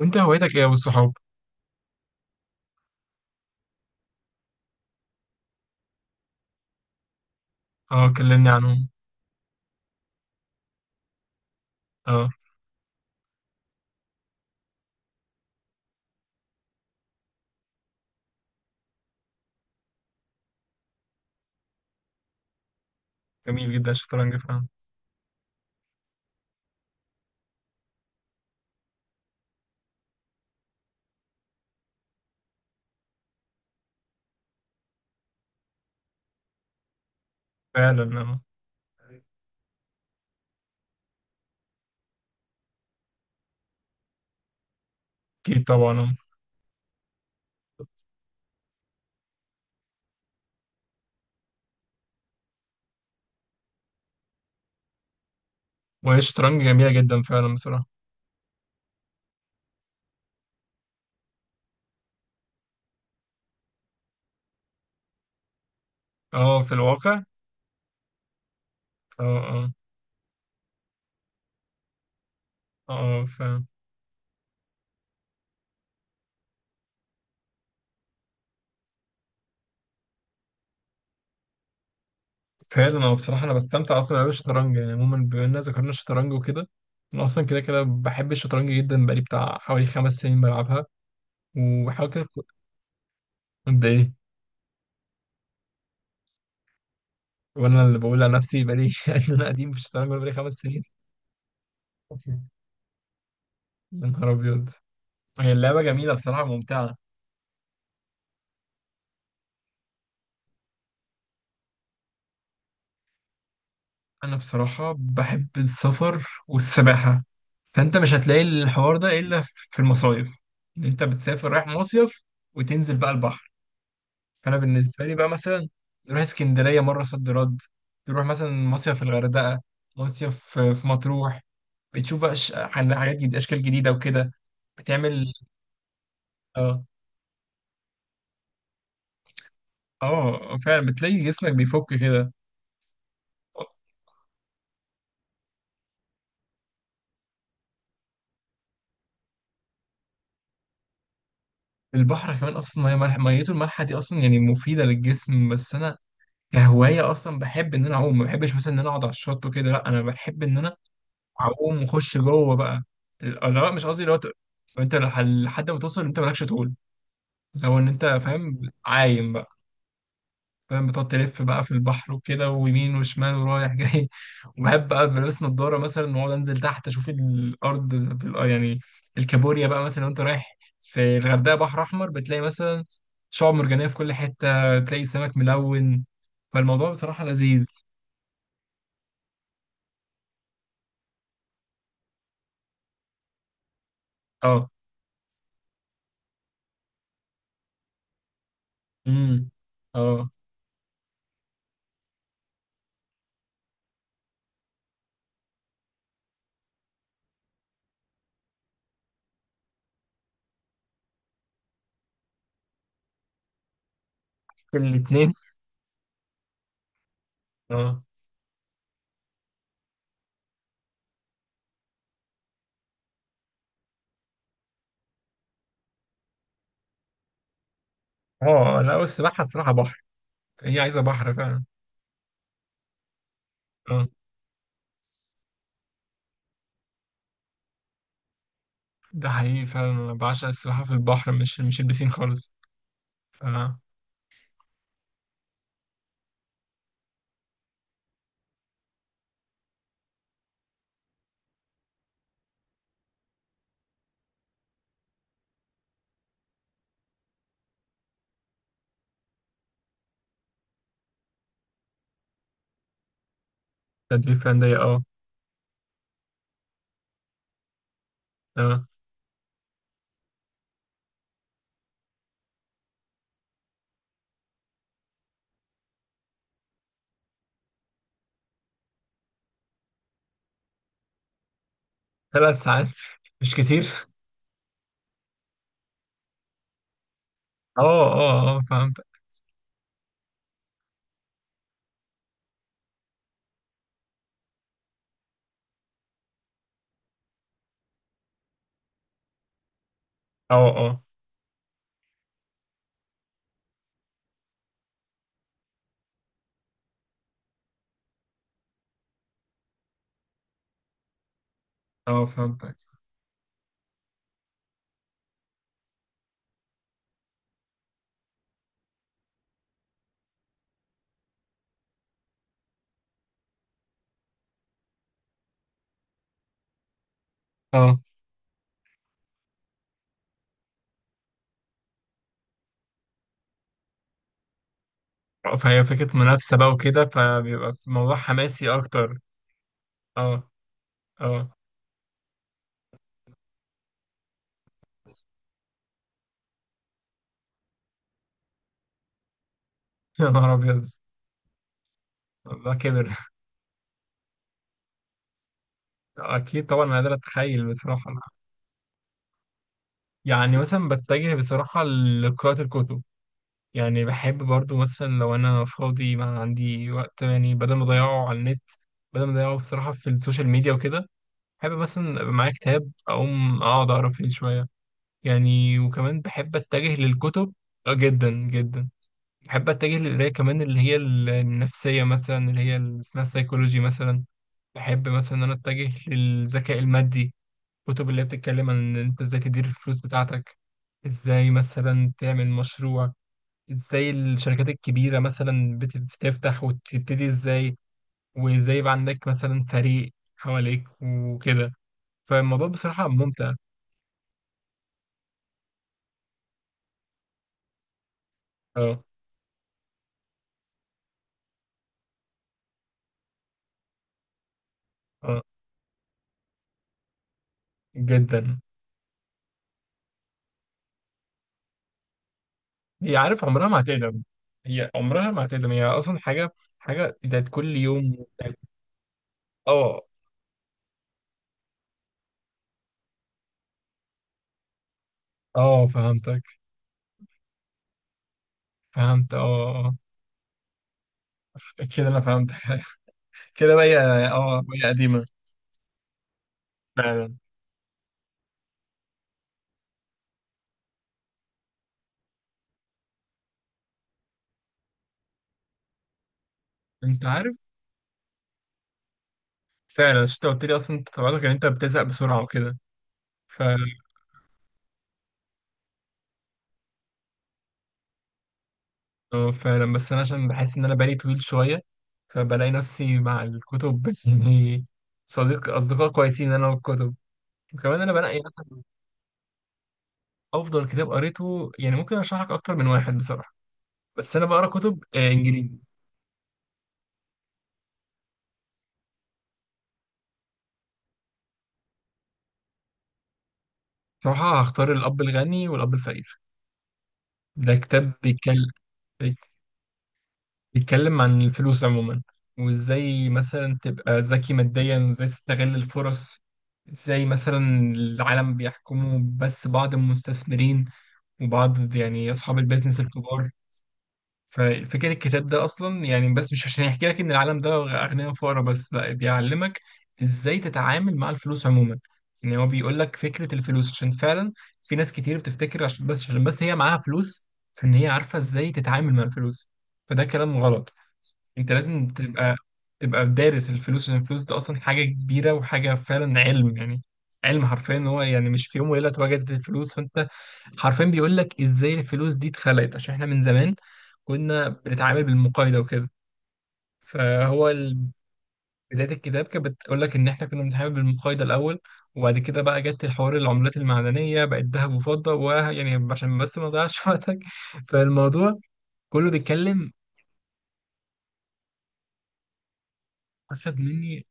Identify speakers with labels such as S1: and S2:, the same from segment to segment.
S1: وانت هوايتك ايه والصحاب؟ اه، كلمني عنهم. اه، جميل جدا الشطرنج فعلا. فعلا اه. اكيد طبعا اه. وهي الشطرنج جميلة جدا فعلا بصراحة. اه، في الواقع. اه، اه، اه، اه، فعلا. فعلا اه، بصراحة انا بستمتع اصلا بلعب الشطرنج، يعني عموما بما اننا ذكرنا الشطرنج وكده. انا اصلا كده كده بحب الشطرنج جدا، بقالي بتاع حوالي 5 سنين بلعبها. وبحاول كده قد ايه؟ وانا اللي بقول على نفسي بقالي ان انا قديم في الشطرنج وأنا بقالي 5 سنين. يا نهار ابيض، هي اللعبة جميلة بصراحة ممتعة. انا بصراحة بحب السفر والسباحة، فانت مش هتلاقي الحوار ده الا في المصايف، ان انت بتسافر رايح مصيف وتنزل بقى البحر. فانا بالنسبة لي بقى مثلا، نروح اسكندرية مرة صد رد، تروح مثلا مصيف في الغردقة، مصيف في مطروح. بتشوف بقى حاجات جديدة، اشكال جديدة وكده. بتعمل اه. اه، فعلا بتلاقي جسمك بيفك كده. البحر كمان اصلا ميه ملح، ميته المالحه دي اصلا يعني مفيده للجسم. بس انا كهوايه اصلا بحب ان انا اعوم، ما بحبش مثلا ان انا اقعد على الشط وكده، لا انا بحب ان انا اعوم واخش جوه بقى. لا مش قصدي، لو انت لحد ما توصل انت مالكش طول، لو ان انت فاهم. عايم بقى، فاهم؟ بتقعد تلف بقى في البحر وكده، ويمين وشمال ورايح جاي وبحب بقى بلبس نضاره مثلا، واقعد انزل تحت اشوف الارض في يعني الكابوريا بقى مثلا. لو انت رايح في الغردقه بحر احمر، بتلاقي مثلا شعاب مرجانيه في كل حته، تلاقي سمك ملون. فالموضوع بصراحه لذيذ. اه. امم. اه. في الاتنين. اه. اه، لا السباحة الصراحة بحر، هي عايزة بحر فعلا. اه، ده حقيقي فعلا، أنا بعشق السباحة في البحر، مش البسين خالص. ف تدريب فعلا ده، اه. اه، 3 ساعات. مش كتير. اه. اه. اه، فهمتك. اه. اه. اه، فهمتك. اه، آه، فهي فكرة منافسة بقى وكده، فبيبقى الموضوع حماسي أكتر. اه. اه. يا نهار أبيض. الموضوع كبر. أكيد طبعا، أنا قادر أتخيل بصراحة. يعني مثلا بتجه بصراحة لقراءة الكتب. يعني بحب برضو مثلا لو أنا فاضي ما عندي وقت، يعني بدل ما أضيعه على النت، بدل ما أضيعه بصراحة في السوشيال ميديا وكده، بحب مثلا أبقى معايا كتاب، أقوم أقعد أقرأ فيه شوية يعني. وكمان بحب أتجه للكتب. جدا جدا. بحب أتجه للقراية كمان، اللي هي النفسية مثلا، اللي هي اللي اسمها السيكولوجي مثلا. بحب مثلا إن أنا أتجه للذكاء المادي، كتب اللي هي بتتكلم عن إن أنت إزاي تدير الفلوس بتاعتك، إزاي مثلا تعمل مشروع، إزاي الشركات الكبيرة مثلا بتفتح وتبتدي إزاي، وإزاي يبقى عندك مثلا فريق حواليك وكده. فالموضوع بصراحة ممتع. اه. اه، جدا. هي عارف عمرها ما هتقدم، هي عمرها ما هتقدم، هي أصلا حاجة، حاجة بتاعت كل يوم اه. اه، فهمتك. فهمت اه. آه. آه، كده أنا فهمتك. كده بقى هي. اه، هي قديمة. فعلا. انت عارف. فعلا، عشان انت قلت لي اصلا انت طبيعتك ان انت بتزهق بسرعه وكده. ف اه، فعلا، بس انا عشان بحس ان انا بالي طويل شويه، فبلاقي نفسي مع الكتب يعني. صديق، اصدقاء كويسين انا والكتب. وكمان انا بنقي مثلا. افضل كتاب قريته؟ يعني ممكن ارشح لك اكتر من واحد بصراحه، بس انا بقرا كتب انجليزي. بصراحه هختار الاب الغني والاب الفقير. ده كتاب بيتكلم عن الفلوس عموما، وازاي مثلا تبقى ذكي ماديا، وازاي تستغل الفرص، ازاي مثلا العالم بيحكمه بس بعض المستثمرين، وبعض يعني اصحاب البيزنس الكبار. ففكرة الكتاب ده اصلا يعني، بس مش عشان يحكي لك ان العالم ده اغنياء وفقراء بس، لا بيعلمك ازاي تتعامل مع الفلوس عموما. ان هو بيقول لك فكرة الفلوس، عشان فعلا في ناس كتير بتفتكر عشان بس، هي معاها فلوس فان هي عارفة ازاي تتعامل مع الفلوس، فده كلام غلط. انت لازم تبقى دارس الفلوس، عشان الفلوس دي اصلا حاجه كبيره، وحاجه فعلا علم يعني، علم حرفيا. ان هو يعني مش في يوم وليله اتوجدت الفلوس، فانت حرفيا بيقول لك ازاي الفلوس دي اتخلقت، عشان احنا من زمان كنا بنتعامل بالمقايضه وكده. فهو ال- بدايه الكتاب كانت بتقول لك ان احنا كنا بنتعامل بالمقايضه الاول، وبعد كده بقى جت الحوار العملات المعدنيه بقت ذهب وفضه. ويعني عشان بس ما اضيعش وقتك، فالموضوع كله بيتكلم. اخد مني،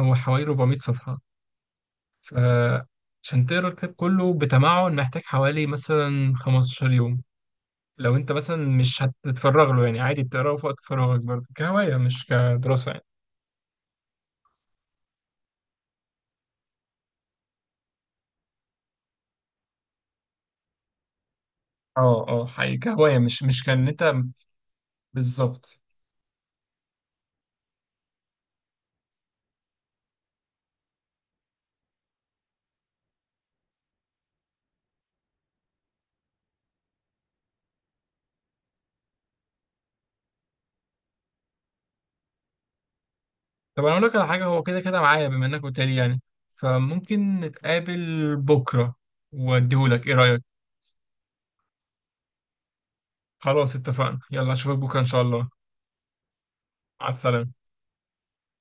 S1: هو حوالي 400 صفحه. فعشان تقرا الكتاب كله بتمعن محتاج حوالي مثلا 15 يوم، لو انت مثلا مش هتتفرغ له، يعني عادي بتقراه في وقت فراغك برضه كهواية مش كدراسة يعني. اه، اه، حقيقي كهواية، مش كان انت. بالظبط. طب انا اقول لك على حاجة، هو كده كده معايا بما انك قلت لي يعني، فممكن نتقابل بكرة واديهولك، ايه رأيك؟ خلاص اتفقنا، يلا اشوفك بكرة ان شاء الله. على السلامة.